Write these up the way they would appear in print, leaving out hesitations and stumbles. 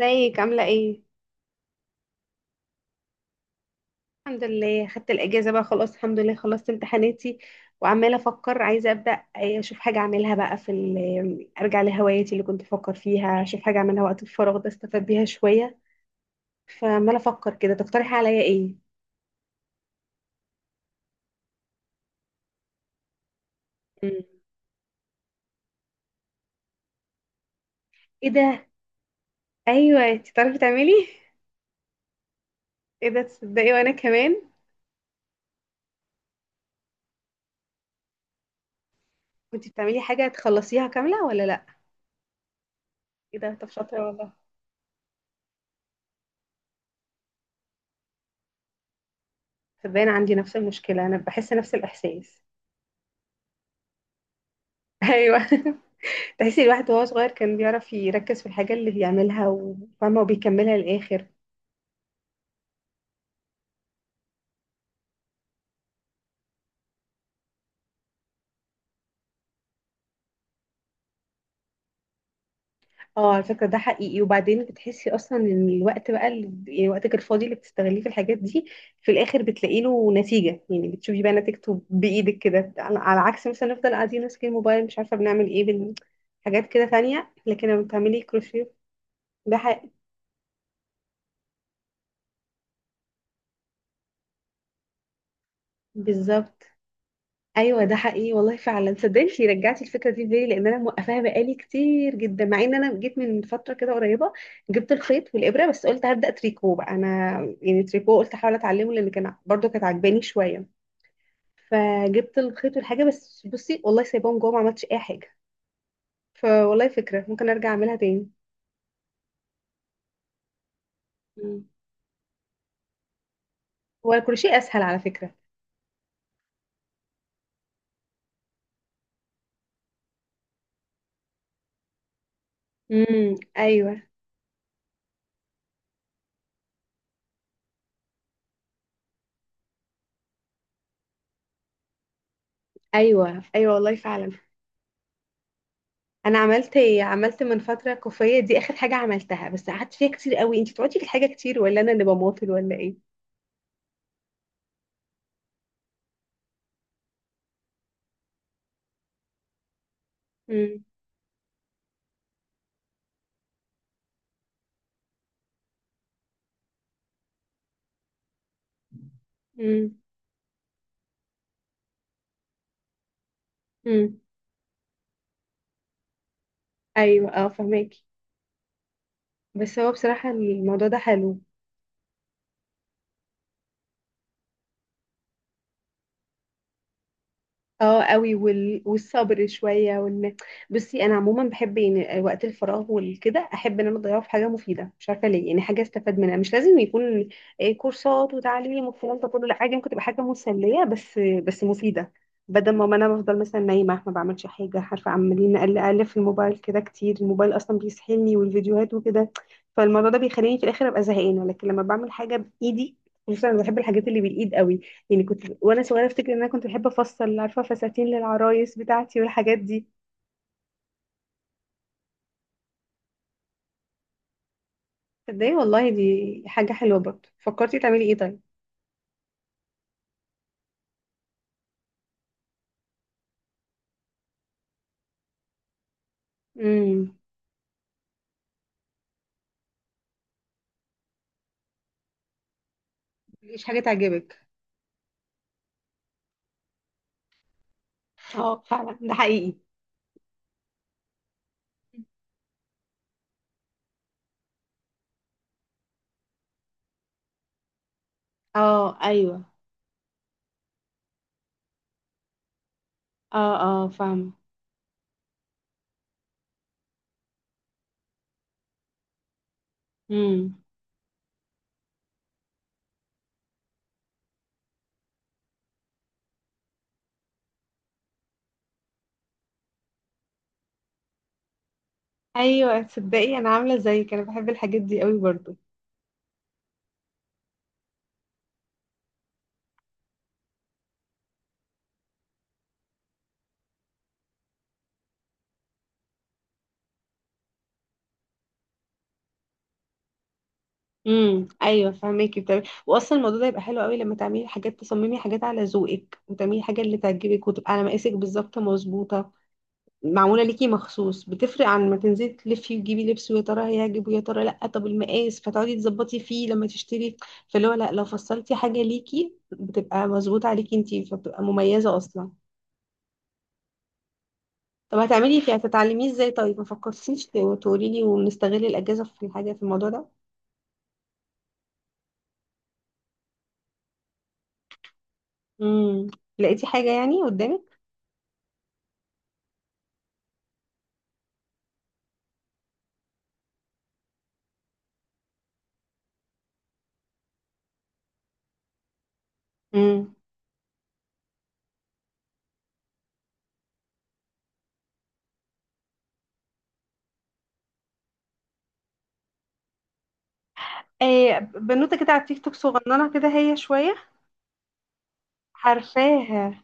ازيك؟ عاملة ايه؟ الحمد لله، خدت الأجازة بقى، خلاص الحمد لله خلصت امتحاناتي. وعمالة أفكر، عايزة أبدأ أشوف حاجة أعملها بقى أرجع لهواياتي اللي كنت بفكر فيها، أشوف حاجة أعملها وقت الفراغ ده أستفاد بيها شوية. فعمالة أفكر كده، تقترحي عليا ايه؟ مم. ايه ده؟ أيوه، انتي بتعرفي تعملي؟ ايه ده، تصدقي وأنا كمان. وانتي بتعملي حاجة تخلصيها كاملة ولا لأ؟ ايه ده، طب شاطرة والله. تصدقني أنا عندي نفس المشكلة، أنا بحس نفس الإحساس. أيوه. تحسي الواحد وهو صغير كان بيعرف يركز في الحاجة اللي بيعملها، وفاهمة وبيكملها للآخر. اه على فكرة، ده حقيقي. وبعدين بتحسي أصلا إن الوقت بقى اللي يعني وقتك الفاضي اللي بتستغليه في الحاجات دي، في الآخر بتلاقي له نتيجة، يعني بتشوفي بقى نتيجته بإيدك كده، على عكس مثلا نفضل قاعدين ماسكين الموبايل مش عارفة بنعمل إيه، حاجات كده تانية. لكن لما بتعملي كروشيه، ده حقيقي. بالظبط. ايوه ده حقيقي والله فعلا، صدقني رجعتي الفكره دي في بالي، لان انا موقفاها بقالي كتير جدا، مع ان انا جيت من فتره كده قريبه جبت الخيط والابره، بس قلت هبدا تريكو بقى انا. يعني تريكو قلت احاول اتعلمه لان كان برضو كانت عجباني شويه. فجبت الخيط والحاجه، بس بصي والله سايباهم جوه ما عملتش اي حاجه. فوالله فكره ممكن ارجع اعملها تاني. مم. هو الكروشيه اسهل على فكره. ايوه. ايوه ايوه والله فعلا. انا عملت إيه؟ عملت من فتره كوفيه، دي اخر حاجه عملتها، بس قعدت فيها كتير قوي. انت بتقعدي في الحاجه كتير ولا انا اللي بماطل ولا ايه؟ امم. امم. امم ايوه، اه فهماكي. بس هو بصراحه الموضوع ده حلو. اه قوي، والصبر شويه وان، بصي انا عموما بحب يعني وقت الفراغ والكده، احب ان انا اضيعه في حاجه مفيده، مش عارفه ليه يعني، حاجه استفاد منها. مش لازم يكون كورسات وتعليم والكلام ده كله، لا، حاجه ممكن تبقى حاجه مسليه بس مفيده. بدل ما انا بفضل مثلا نايمه ما بعملش حاجه، عارفه عمالين اقل اقل في الموبايل كده كتير، الموبايل اصلا بيسحلني والفيديوهات وكده. فالموضوع ده بيخليني في الاخر ابقى زهقانه، لكن لما بعمل حاجه بايدي، خصوصا أنا بحب الحاجات اللي بالايد قوي. يعني كنت وانا صغيره افتكر ان انا كنت بحب افصل، عارفه فساتين للعرايس بتاعتي والحاجات دي. تصدقي والله دي حاجه حلوه برضه، فكرتي تعملي ايه طيب؟ امم. مفيش حاجه تعجبك. اه فعلا ده حقيقي. اه. ايوه اه اه فاهمه. امم ايوه. تصدقي انا عامله زيك، انا بحب الحاجات دي قوي برضو. ايوه فاهماكي. بتعملي واصلا الموضوع ده يبقى حلو قوي لما تعملي حاجات، تصممي حاجات على ذوقك، وتعملي حاجه اللي تعجبك وتبقى على مقاسك بالظبط مظبوطه، معمولة ليكي مخصوص. بتفرق عن ما تنزلي تلفي وتجيبي لبس، ويا ترى هيعجب ويا ترى لأ، طب المقاس فتقعدي تظبطي فيه لما تشتري. فاللي هو لأ، لو فصلتي حاجة ليكي بتبقى مظبوطة عليكي انتي، فبتبقى مميزة أصلا. طب هتعملي فيه، هتتعلميه ازاي طيب؟ ما فكرتيش تقولي لي ونستغل الأجازة في الحاجة في الموضوع ده؟ امم. لقيتي حاجة يعني قدامك؟ امم. ايه، بنوتة كده على التيك توك، صغننة كده هي شوية؟ حرفاها.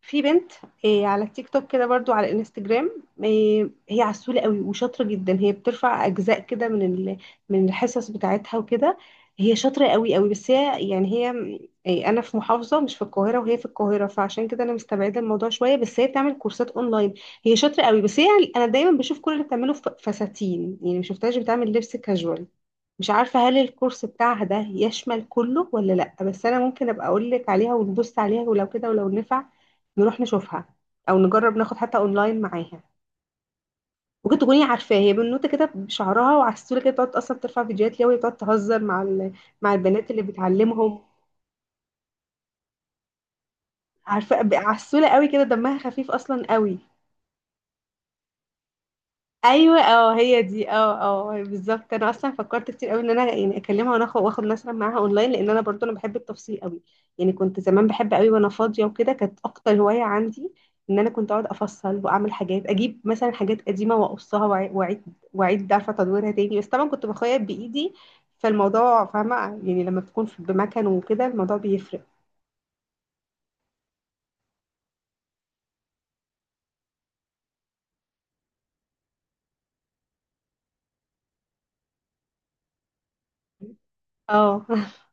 في بنت. إيه على التيك توك كده برضو على الانستجرام؟ إيه هي عسولة قوي وشاطرة جدا، هي بترفع أجزاء كده من الحصص بتاعتها وكده. هي شاطرة قوي قوي، بس هي يعني هي، إيه أنا في محافظة مش في القاهرة وهي في القاهرة، فعشان كده أنا مستبعدة الموضوع شوية، بس هي بتعمل كورسات أونلاين. هي شاطرة قوي، بس هي، أنا دايما بشوف كل اللي بتعمله فساتين، يعني مشوفتهاش بتعمل لبس كاجوال. مش عارفة هل الكورس بتاعها ده يشمل كله ولا لأ، بس أنا ممكن أبقى أقول لك عليها ونبص عليها، ولو كده ولو نفع نروح نشوفها، أو نجرب ناخد حتى أونلاين معاها. ممكن تكوني عارفاه، هي بنوتة كده بشعرها وعلى السولة كده، بتقعد أصلا ترفع فيديوهات ليها، وهي بتقعد تهزر مع مع البنات اللي بتعلمهم. عارفة عسولة قوي كده، دمها خفيف أصلا قوي. ايوه اه، هي دي اه اه بالظبط. انا اصلا فكرت كتير قوي ان انا يعني اكلمها وناخد نسرة معاها اونلاين، لان انا برضو انا بحب التفصيل قوي. يعني كنت زمان بحب قوي وانا فاضيه وكده، كانت اكتر هوايه عندي ان انا كنت اقعد افصل واعمل حاجات، اجيب مثلا حاجات قديمه واقصها واعيد، عارفه تدويرها تاني، بس طبعا كنت بخيط بايدي. فالموضوع فاهمه يعني لما بتكون بمكان وكده الموضوع بيفرق. اه.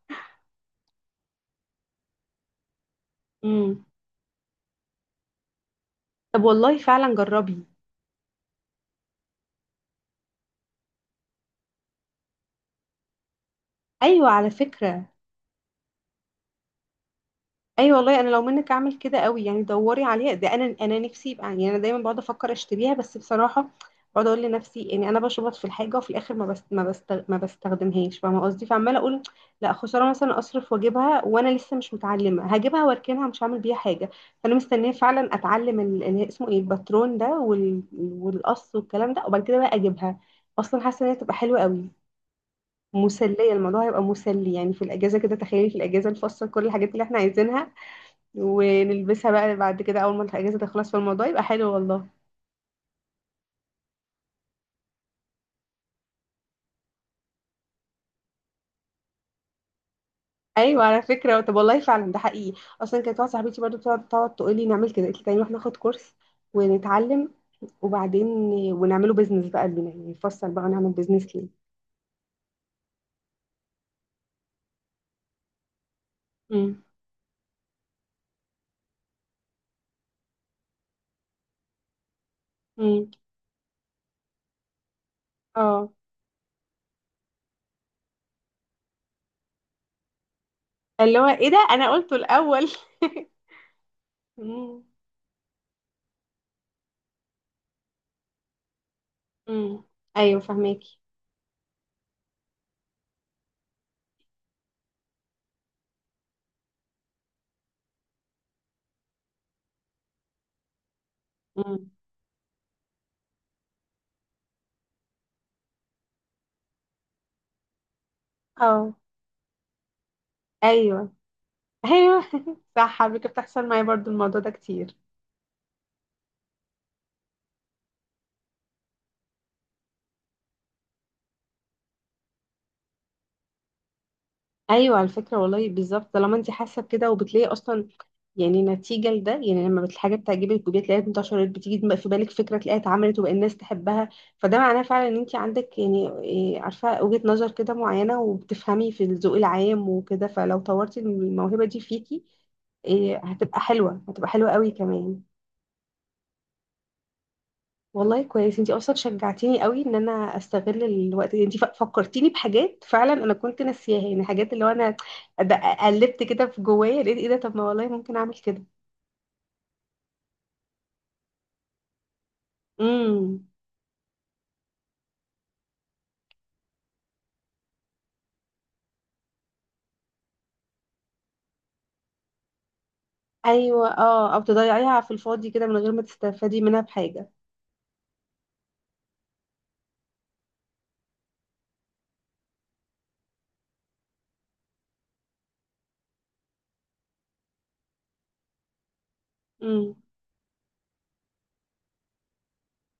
امم. طب والله فعلا جربي. ايوه على فكره. ايوه والله انا لو منك اعمل كده قوي، يعني دوري عليها ده، انا انا نفسي يبقى، يعني انا دايما بقعد افكر اشتريها بس بصراحه بقعد اقول لنفسي، يعني انا بشبط في الحاجه وفي الاخر ما بستخدمهاش، فاهمه قصدي؟ فعماله اقول لا خساره، مثلا اصرف واجيبها وانا لسه مش متعلمه، هجيبها واركنها مش هعمل بيها حاجه. فانا مستنيه فعلا اتعلم اللي اسمه ايه الباترون ده والقص والكلام ده، وبعد كده بقى اجيبها. اصلا حاسه ان هي تبقى حلوه قوي، مسليه. الموضوع هيبقى مسلي يعني في الاجازه كده، تخيلي في الاجازه نفصل كل الحاجات اللي احنا عايزينها، ونلبسها بقى بعد كده اول ما الاجازه تخلص، في الموضوع يبقى حلو والله. ايوه على فكره. طب والله فعلا ده حقيقي، اصلا كانت واحده صاحبتي برضو بتقعد تقول لي نعمل كده، قلت لها نروح ناخد كورس ونتعلم، وبعدين ونعمله بيزنس بقى لينا، يعني نفصل بقى ونعمل بيزنس ليه. امم. امم. اه. اللي هو ايه ده انا قلته الاول. امم. امم ايوه فهماكي. امم اه ايوه ايوه. صح على فكره، بتحصل معايا برضو الموضوع ده كتير. ايوه على فكره والله بالظبط، طالما انت حاسه بكده وبتلاقي اصلا، يعني نتيجه لده، يعني لما الحاجه بتعجبك وبتلاقيها تلاقيها انتشرت، بتيجي في بالك فكره تلاقيها اتعملت وبقى الناس تحبها. فده معناه فعلا ان انت عندك يعني عارفه وجهه نظر كده معينه، وبتفهمي في الذوق العام وكده، فلو طورتي الموهبه دي فيكي، هتبقى حلوه، هتبقى حلوه قوي كمان. والله كويس، انتي اصلا شجعتيني قوي ان انا استغل الوقت. انتي فكرتيني بحاجات فعلا انا كنت ناسياها، يعني حاجات اللي هو انا د- قلبت كده في جوايا، لقيت ايه ده، طب ما والله ممكن اعمل كده. امم. ايوه اه، او تضيعيها في الفاضي كده من غير ما تستفادي منها بحاجه. امم.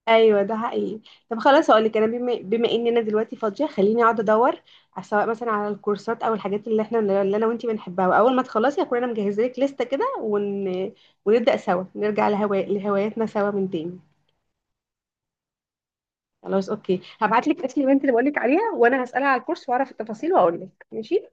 ايوه ده حقيقي. طب خلاص، هقول لك انا بما ان انا دلوقتي فاضيه، خليني اقعد ادور سواء مثلا على الكورسات او الحاجات اللي احنا اللي انا وانتي بنحبها، واول ما تخلصي هكون انا مجهزه لك لسته كده ونبدا سوا نرجع لهواياتنا سوا من تاني. خلاص اوكي، هبعت لك اسم البنت اللي بقول لك عليها، وانا هسالها على الكورس واعرف التفاصيل واقول لك. ماشي.